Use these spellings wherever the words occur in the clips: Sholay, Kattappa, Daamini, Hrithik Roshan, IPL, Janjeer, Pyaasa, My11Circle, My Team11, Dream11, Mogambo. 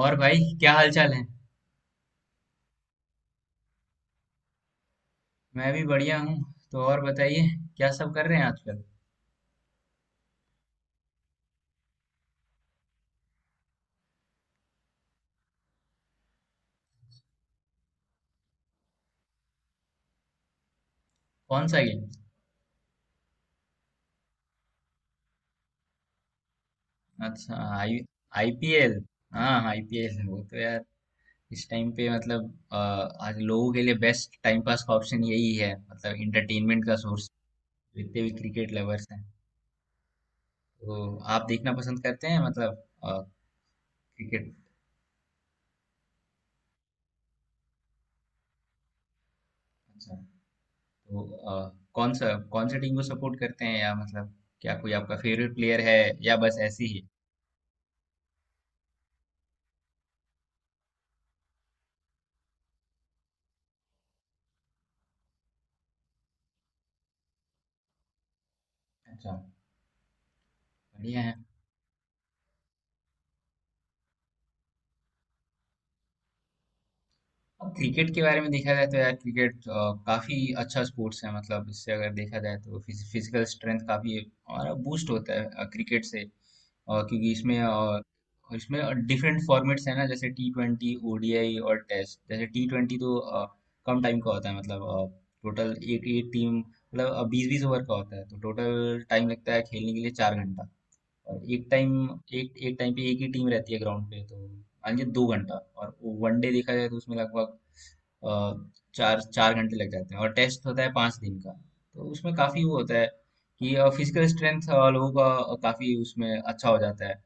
और भाई क्या हाल चाल है? मैं भी बढ़िया हूँ। तो और बताइए। क्या सब कर रहे हैं आजकल? कौन सा गेम? अच्छा, आई आईपीएल। हाँ आईपीएल, वो तो यार इस टाइम पे मतलब अ, आज लोगों के लिए बेस्ट टाइम पास का ऑप्शन यही है, मतलब इंटरटेनमेंट का सोर्स। जितने भी क्रिकेट लवर्स हैं। तो आप देखना पसंद करते हैं मतलब क्रिकेट? अच्छा। तो अ, कौन सा टीम को सपोर्ट करते हैं, या मतलब क्या कोई आपका फेवरेट प्लेयर है, या बस ऐसे ही? अच्छा, बढ़िया है। अब क्रिकेट के बारे में देखा जाए तो यार, क्रिकेट काफी अच्छा स्पोर्ट्स है, मतलब इससे अगर देखा जाए तो फिजिकल स्ट्रेंथ काफी हमारा बूस्ट होता है क्रिकेट से। क्योंकि इसमें डिफरेंट फॉर्मेट्स है ना, जैसे टी ट्वेंटी, ओडीआई और टेस्ट। जैसे टी ट्वेंटी तो कम टाइम का होता है, मतलब टोटल एक एक टीम, मतलब बीस बीस ओवर का होता है, तो टोटल टाइम लगता है खेलने के लिए चार घंटा। और एक एक टाइम पे एक ही टीम रहती है ग्राउंड पे, तो मान लीजिए दो घंटा। और वनडे देखा जाए तो उसमें लगभग अ, चार चार घंटे लग जाते हैं, और टेस्ट होता है पाँच दिन का। तो उसमें काफ़ी वो होता है कि फिजिकल स्ट्रेंथ लोगों का काफ़ी उसमें अच्छा हो जाता है।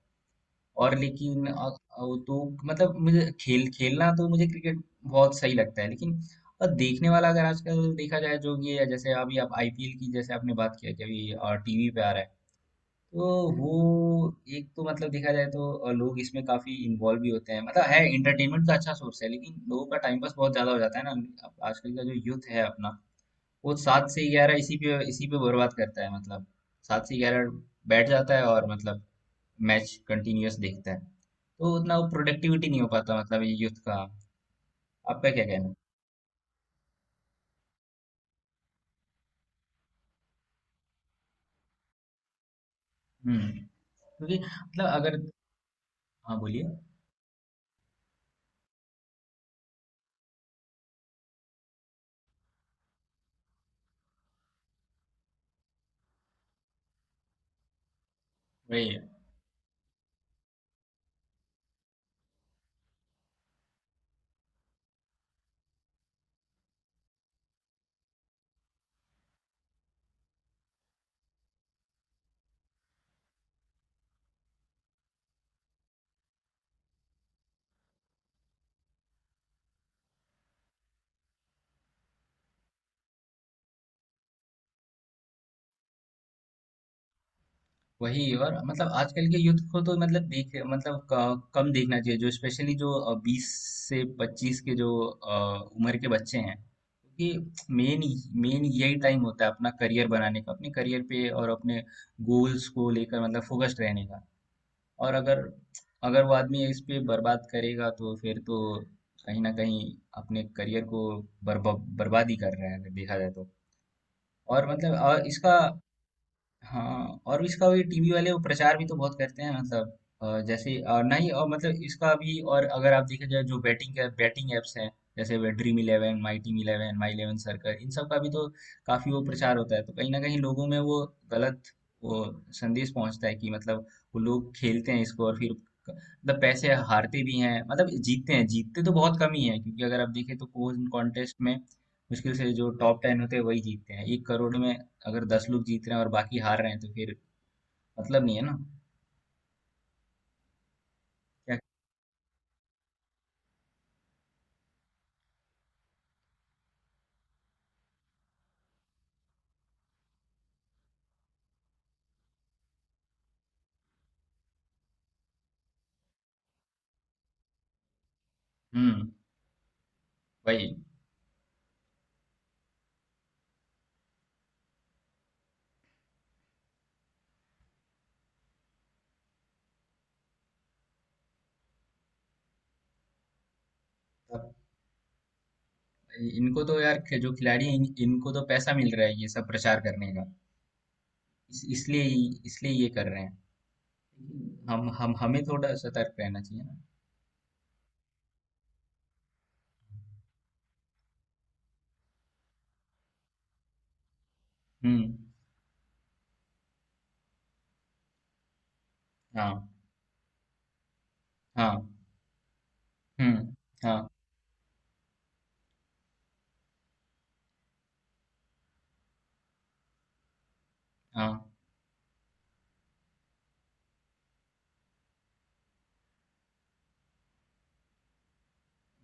और लेकिन वो तो मतलब मुझे खेल खेलना तो मुझे क्रिकेट बहुत सही लगता है, लेकिन देखने वाला अगर आजकल देखा जाए, जो ये है, जैसे अभी आप आईपीएल की जैसे आपने बात किया कि अभी टीवी पे आ रहा है, तो वो एक तो मतलब देखा जाए तो लोग इसमें काफी इन्वॉल्व भी होते हैं, मतलब है एंटरटेनमेंट का अच्छा सोर्स है, लेकिन लोगों का टाइम पास बहुत ज्यादा हो जाता है ना। अब आजकल का जो यूथ है अपना, वो सात से ग्यारह इसी पे बर्बाद करता है, मतलब सात से ग्यारह बैठ जाता है और मतलब मैच कंटिन्यूअस देखता है, तो उतना वो प्रोडक्टिविटी नहीं हो पाता, मतलब ये यूथ का। आपका क्या कहना है? हम्म। क्योंकि मतलब अगर। हाँ, बोलिए। वही वही और मतलब आजकल के यूथ को तो मतलब देख मतलब कम देखना चाहिए, जो स्पेशली जो बीस से पच्चीस के जो उम्र के बच्चे हैं, क्योंकि मेन मेन यही टाइम होता है अपना करियर बनाने का, अपने करियर पे और अपने गोल्स को लेकर मतलब फोकस्ड रहने का। और अगर अगर वो आदमी इस पे बर्बाद करेगा तो फिर तो कहीं ना कहीं अपने करियर को बर्बा बर्बाद ही कर रहा है अगर देखा जाए तो। और मतलब इसका। हाँ, और इसका भी टीवी वाले वो प्रचार भी तो बहुत करते हैं, मतलब जैसे नहीं और मतलब इसका भी, और अगर आप देखा जाए जो बैटिंग का बैटिंग एप्स हैं, जैसे वे Dream Eleven, My Team Eleven, My Eleven Circle, इन सब का भी तो काफी वो प्रचार होता है, तो कहीं ना कहीं लोगों में वो गलत वो संदेश पहुंचता है कि मतलब वो लोग खेलते हैं इसको, और फिर मतलब पैसे हारते भी हैं, मतलब जीतते हैं, जीतते तो बहुत कम ही है, क्योंकि अगर आप देखें तो कोई कॉन्टेस्ट में मुश्किल से जो टॉप टेन होते हैं वही जीतते हैं एक करोड़ में। अगर 10 लोग जीत रहे हैं और बाकी हार रहे हैं तो फिर मतलब नहीं है ना। क्या? हम्म। वही। अब इनको तो यार जो खिलाड़ी हैं, इनको तो पैसा मिल रहा है ये सब प्रचार करने का, इस, इसलिए इसलिए ये कर रहे हैं। हम हमें थोड़ा सतर्क रहना चाहिए ना। हम्म। हाँ। हाँ। हम्म। हाँ। हाँ।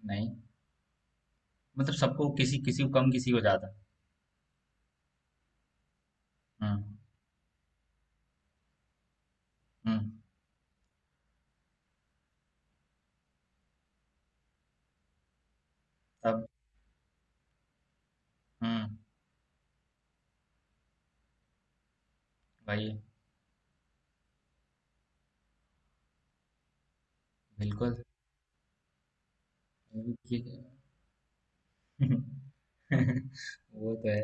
नहीं मतलब सबको, किसी किसी को कम, किसी को ज्यादा। हम्म। हम्म। तब। हम्म। भाई। बिल्कुल। ये- वो तो है।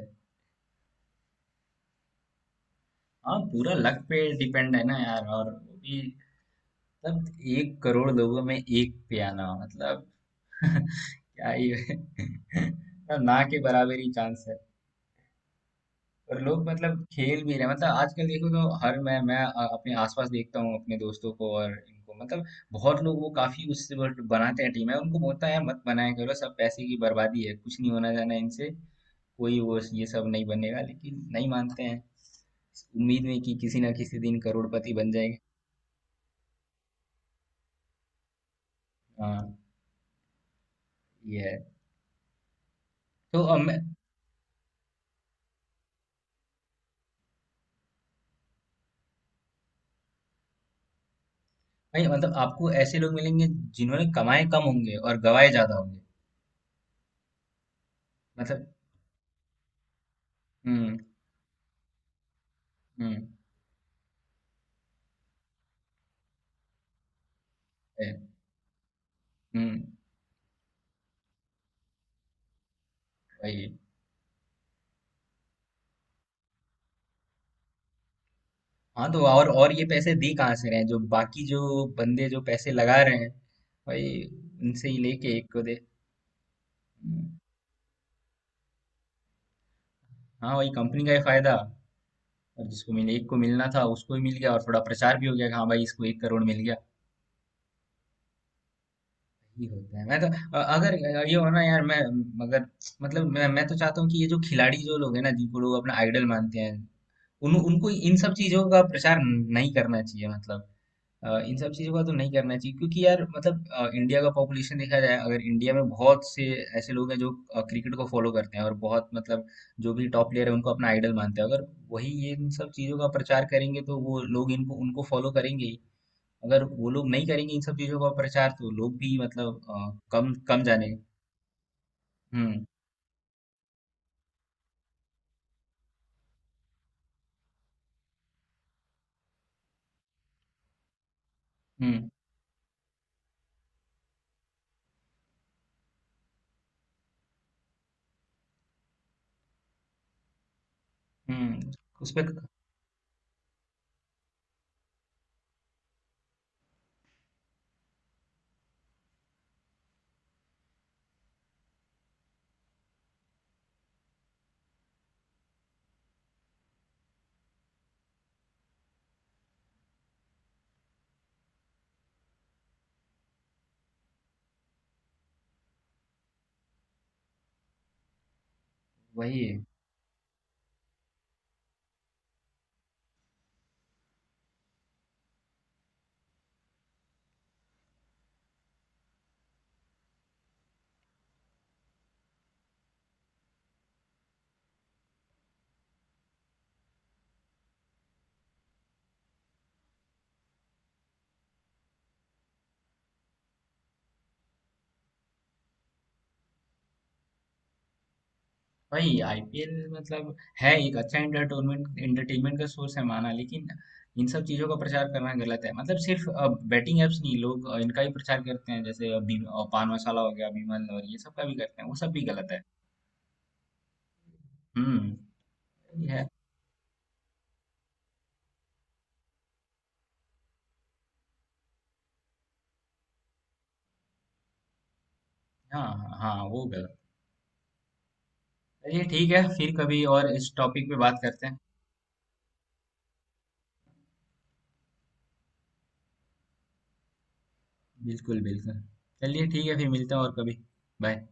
हाँ, पूरा लक पे डिपेंड है ना यार, और वो भी मतलब एक करोड़ लोगों में एक पे आना मतलब क्या ही है। मतलब ना के बराबर ही चांस है। और लोग मतलब खेल भी रहे हैं। मतलब आजकल देखो तो हर अपने आसपास देखता हूँ अपने दोस्तों को और इनको मतलब बहुत लोग वो काफी उससे वो बनाते हैं टीम है, उनको बोलता है मत बनाया करो, सब पैसे की बर्बादी है, कुछ नहीं होना जाना इनसे, कोई वो ये सब नहीं बनेगा, लेकिन नहीं मानते हैं, उम्मीद में कि किसी ना किसी दिन करोड़पति बन जाएंगे। हाँ, ये है। तो मैं, नहीं मतलब आपको ऐसे लोग मिलेंगे जिन्होंने कमाए कम होंगे और गवाए ज्यादा होंगे, मतलब। हम्म। हम्म। है। हम्म। वही। हाँ तो और ये पैसे दे कहाँ से रहे हैं, जो बाकी जो बंदे जो पैसे लगा रहे हैं, भाई उनसे ही लेके एक को दे। हम्म, हाँ वही कंपनी का ही फायदा, और जिसको मिले, एक को मिलना था उसको ही मिल गया, और थोड़ा प्रचार भी हो गया कि हाँ भाई इसको एक करोड़ मिल गया। ये होता है। मैं तो अगर ये हो ना यार, मैं मगर मतलब मैं तो चाहता हूँ कि ये जो खिलाड़ी जो लोग हैं ना, जिनको लोग अपना आइडल मानते हैं, उन उनको इन सब चीजों का प्रचार नहीं करना चाहिए, मतलब इन सब चीजों का तो नहीं करना चाहिए। क्योंकि यार मतलब इंडिया का पॉपुलेशन देखा जाए, अगर इंडिया में बहुत से ऐसे लोग हैं जो क्रिकेट को फॉलो करते हैं और बहुत मतलब जो भी टॉप प्लेयर है उनको अपना आइडल मानते हैं, अगर वही ये इन सब चीजों का प्रचार करेंगे तो वो लोग इनको उनको फॉलो करेंगे ही। अगर वो लोग नहीं करेंगे इन सब चीजों का प्रचार तो लोग भी मतलब कम कम जाने। हम्म। हम्म। हम्म। उस पे वही है। वही आईपीएल मतलब है एक अच्छा एंटरटेनमेंट एंटरटेनमेंट का सोर्स है माना, लेकिन इन सब चीजों का प्रचार करना गलत है, मतलब सिर्फ बैटिंग एप्स नहीं, लोग इनका ही प्रचार करते हैं, जैसे पान मसाला हो गया बीमल और ये सब का भी करते हैं, वो सब भी गलत है। हम्म। ये है। हाँ हाँ हाँ, वो गलत। चलिए ठीक है, फिर कभी और इस टॉपिक पे बात करते हैं। बिल्कुल, बिल्कुल। चलिए ठीक है, फिर मिलते हैं और कभी। बाय।